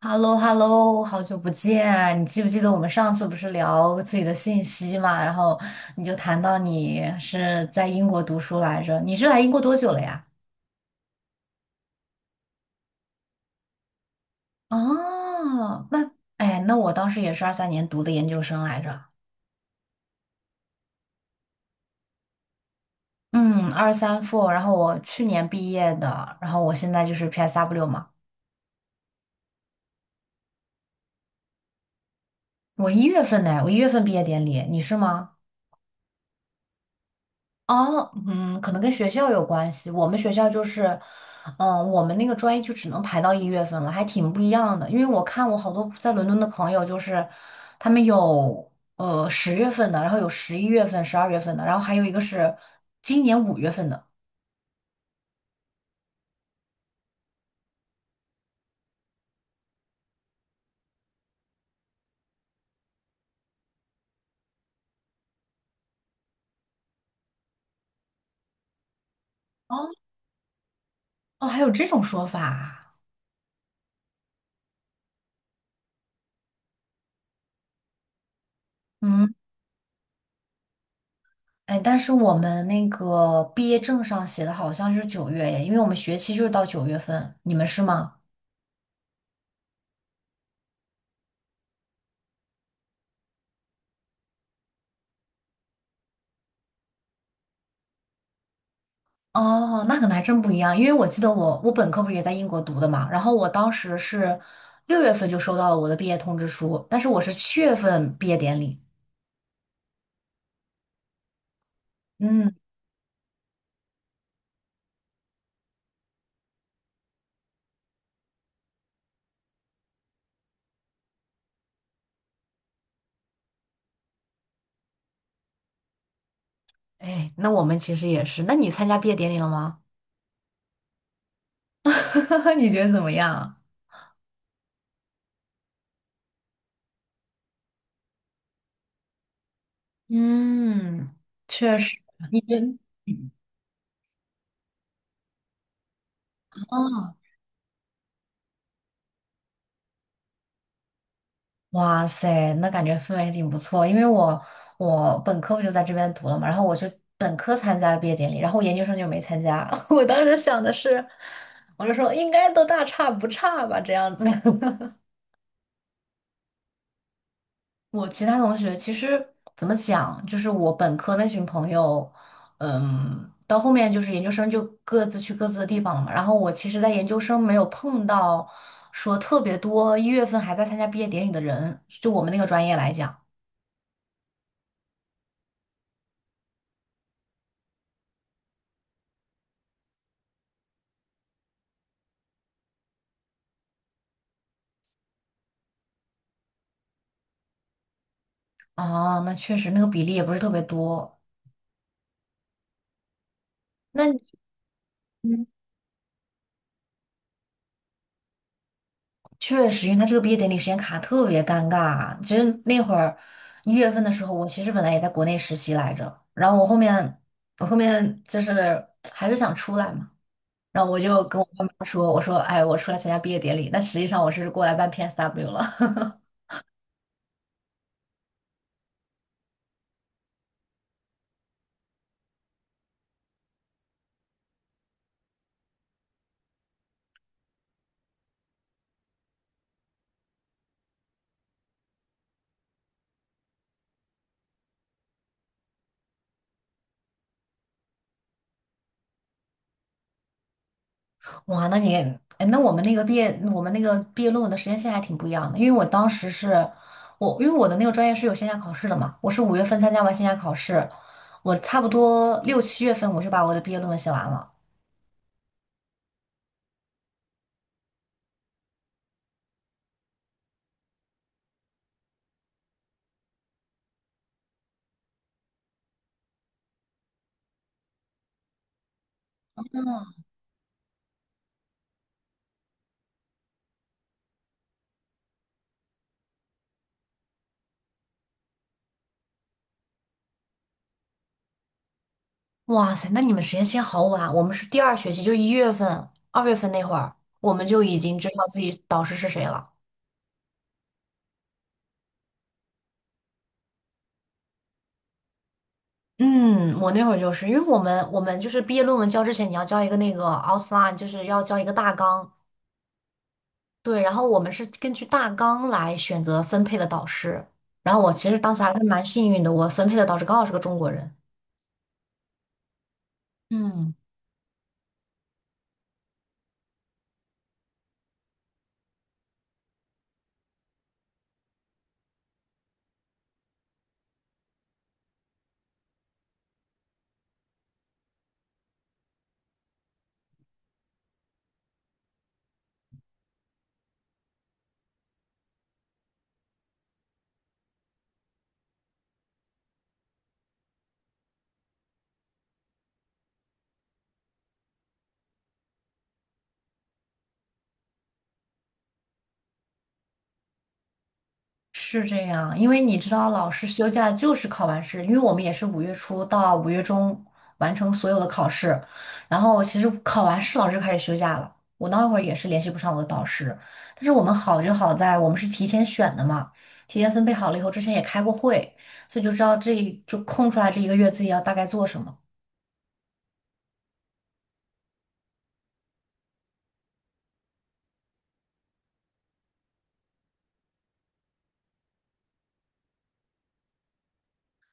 h e l l o h e l l o 好久不见！你记不记得我们上次不是聊自己的信息嘛？然后你就谈到你是在英国读书来着，你是来英国多久了呀？哦，那哎，那我当时也是二三年读的研究生来着，嗯，二三 f 然后我去年毕业的，然后我现在就是 PSW 嘛，我一月份呢，我一月份毕业典礼，你是吗？哦，嗯，可能跟学校有关系。我们学校就是，嗯，我们那个专业就只能排到一月份了，还挺不一样的。因为我看我好多在伦敦的朋友，就是他们有十月份的，然后有十一月份、十二月份的，然后还有一个是今年五月份的。哦哦，还有这种说法啊。嗯，哎，但是我们那个毕业证上写的好像是九月耶，因为我们学期就是到九月份，你们是吗？哦，那可能还真不一样，因为我记得我本科不是也在英国读的嘛，然后我当时是六月份就收到了我的毕业通知书，但是我是七月份毕业典礼。嗯，哎，那我们其实也是。那你参加毕业典礼了吗？你觉得怎么样？嗯，确实。你觉得？哦，哇塞，那感觉氛围挺不错，因为我本科我就在这边读了嘛，然后我是本科参加了毕业典礼，然后研究生就没参加。我当时想的是，我就说应该都大差不差吧，这样子。我其他同学其实怎么讲，就是我本科那群朋友，嗯，到后面就是研究生就各自去各自的地方了嘛。然后我其实，在研究生没有碰到说特别多一月份还在参加毕业典礼的人，就我们那个专业来讲。哦，那确实那个比例也不是特别多。那你嗯确实，因为他这个毕业典礼时间卡特别尴尬。其实那会儿一月份的时候，我其实本来也在国内实习来着，然后我后面就是还是想出来嘛，然后我就跟我爸妈说，我说哎，我出来参加毕业典礼，但实际上我是过来办 PSW 了。哇，那你，哎，那我们那个毕业，我们那个毕业论文的时间线还挺不一样的，因为我当时是，我因为我的那个专业是有线下考试的嘛，我是五月份参加完线下考试，我差不多六七月份我就把我的毕业论文写完了。哇塞，那你们时间线好晚啊，我们是第二学期，就一月份、二月份那会儿，我们就已经知道自己导师是谁了。嗯，我那会儿就是因为我们就是毕业论文交之前，你要交一个那个 outline，就是要交一个大纲，对，然后我们是根据大纲来选择分配的导师。然后我其实当时还是蛮幸运的，我分配的导师刚好是个中国人。嗯，是这样，因为你知道，老师休假就是考完试，因为我们也是五月初到五月中完成所有的考试，然后其实考完试老师就开始休假了。我那会儿也是联系不上我的导师，但是我们好就好在我们是提前选的嘛，提前分配好了以后，之前也开过会，所以就知道这就空出来这一个月自己要大概做什么。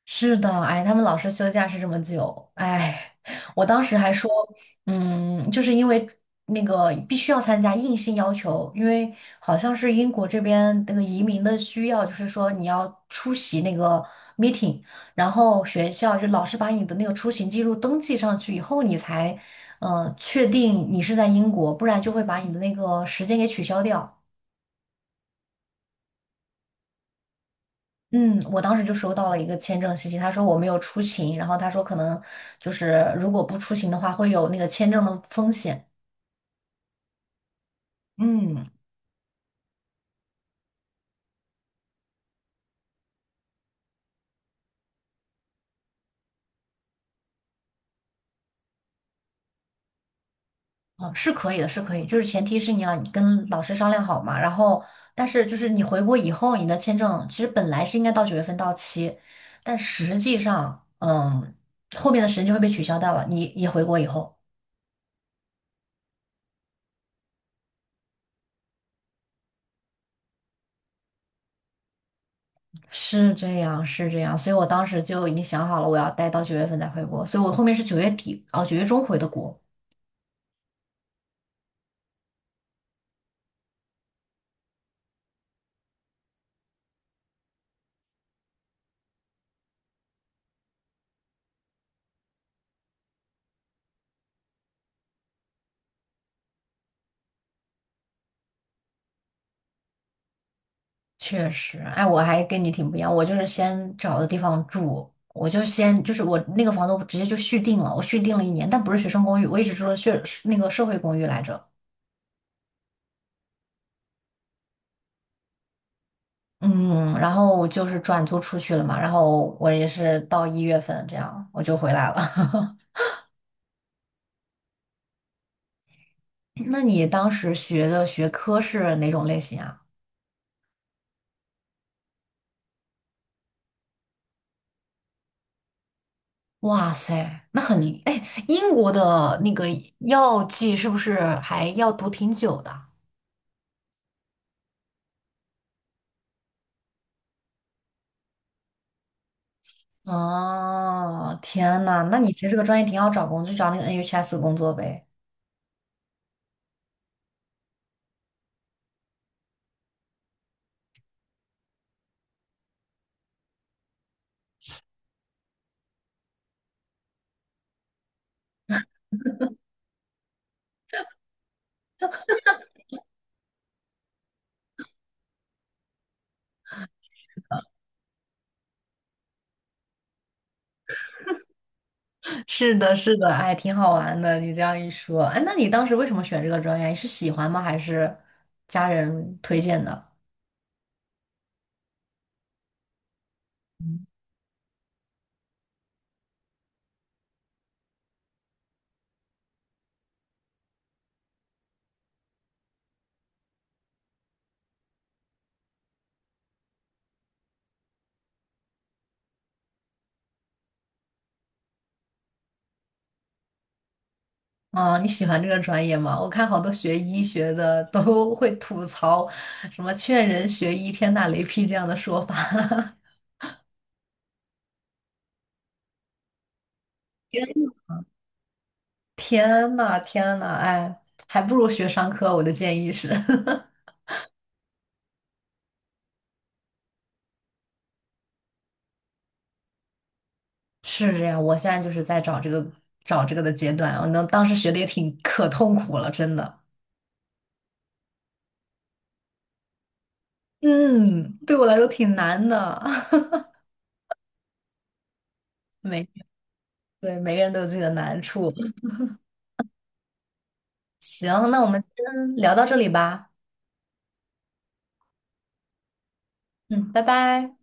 是的，哎，他们老师休假是这么久，哎，我当时还说，嗯，就是因为那个必须要参加，硬性要求，因为好像是英国这边那个移民的需要，就是说你要出席那个 meeting，然后学校就老师把你的那个出行记录登记上去以后，你才，确定你是在英国，不然就会把你的那个时间给取消掉。嗯，我当时就收到了一个签证信息，他说我没有出勤，然后他说可能就是如果不出勤的话，会有那个签证的风险。嗯，哦，是可以的，是可以，就是前提是你要跟老师商量好嘛，然后但是就是你回国以后，你的签证其实本来是应该到九月份到期，但实际上，嗯，后面的时间就会被取消掉了，你回国以后。是这样，是这样，所以我当时就已经想好了，我要待到九月份再回国，所以我后面是九月底，哦，九月中回的国。确实，哎，我还跟你挺不一样，我就是先找的地方住，我就先就是我那个房东直接就续订了，我续订了一年，但不是学生公寓，我一直住的社那个社会公寓来着，嗯，然后就是转租出去了嘛，然后我也是到一月份这样我就回来了。那你当时学的学科是哪种类型啊？哇塞，那很，哎，英国的那个药剂是不是还要读挺久的？哦，天呐，那你其实这个专业挺好找工作，就找那个 NHS 工作呗。是的，是的。哎，挺好玩的，你这样一说，哎，那你当时为什么选这个专业？你是喜欢吗？还是家人推荐的？啊，你喜欢这个专业吗？我看好多学医学的都会吐槽什么“劝人学医，天打雷劈”这样的说法。天呐，天呐，哎，还不如学商科，我的建议是。是这样，我现在就是在找这个的阶段，我能当时学的也挺可痛苦了，真的。嗯，对我来说挺难的，每对每个人都有自己的难处。行，那我们今天聊到这里吧。嗯，拜拜。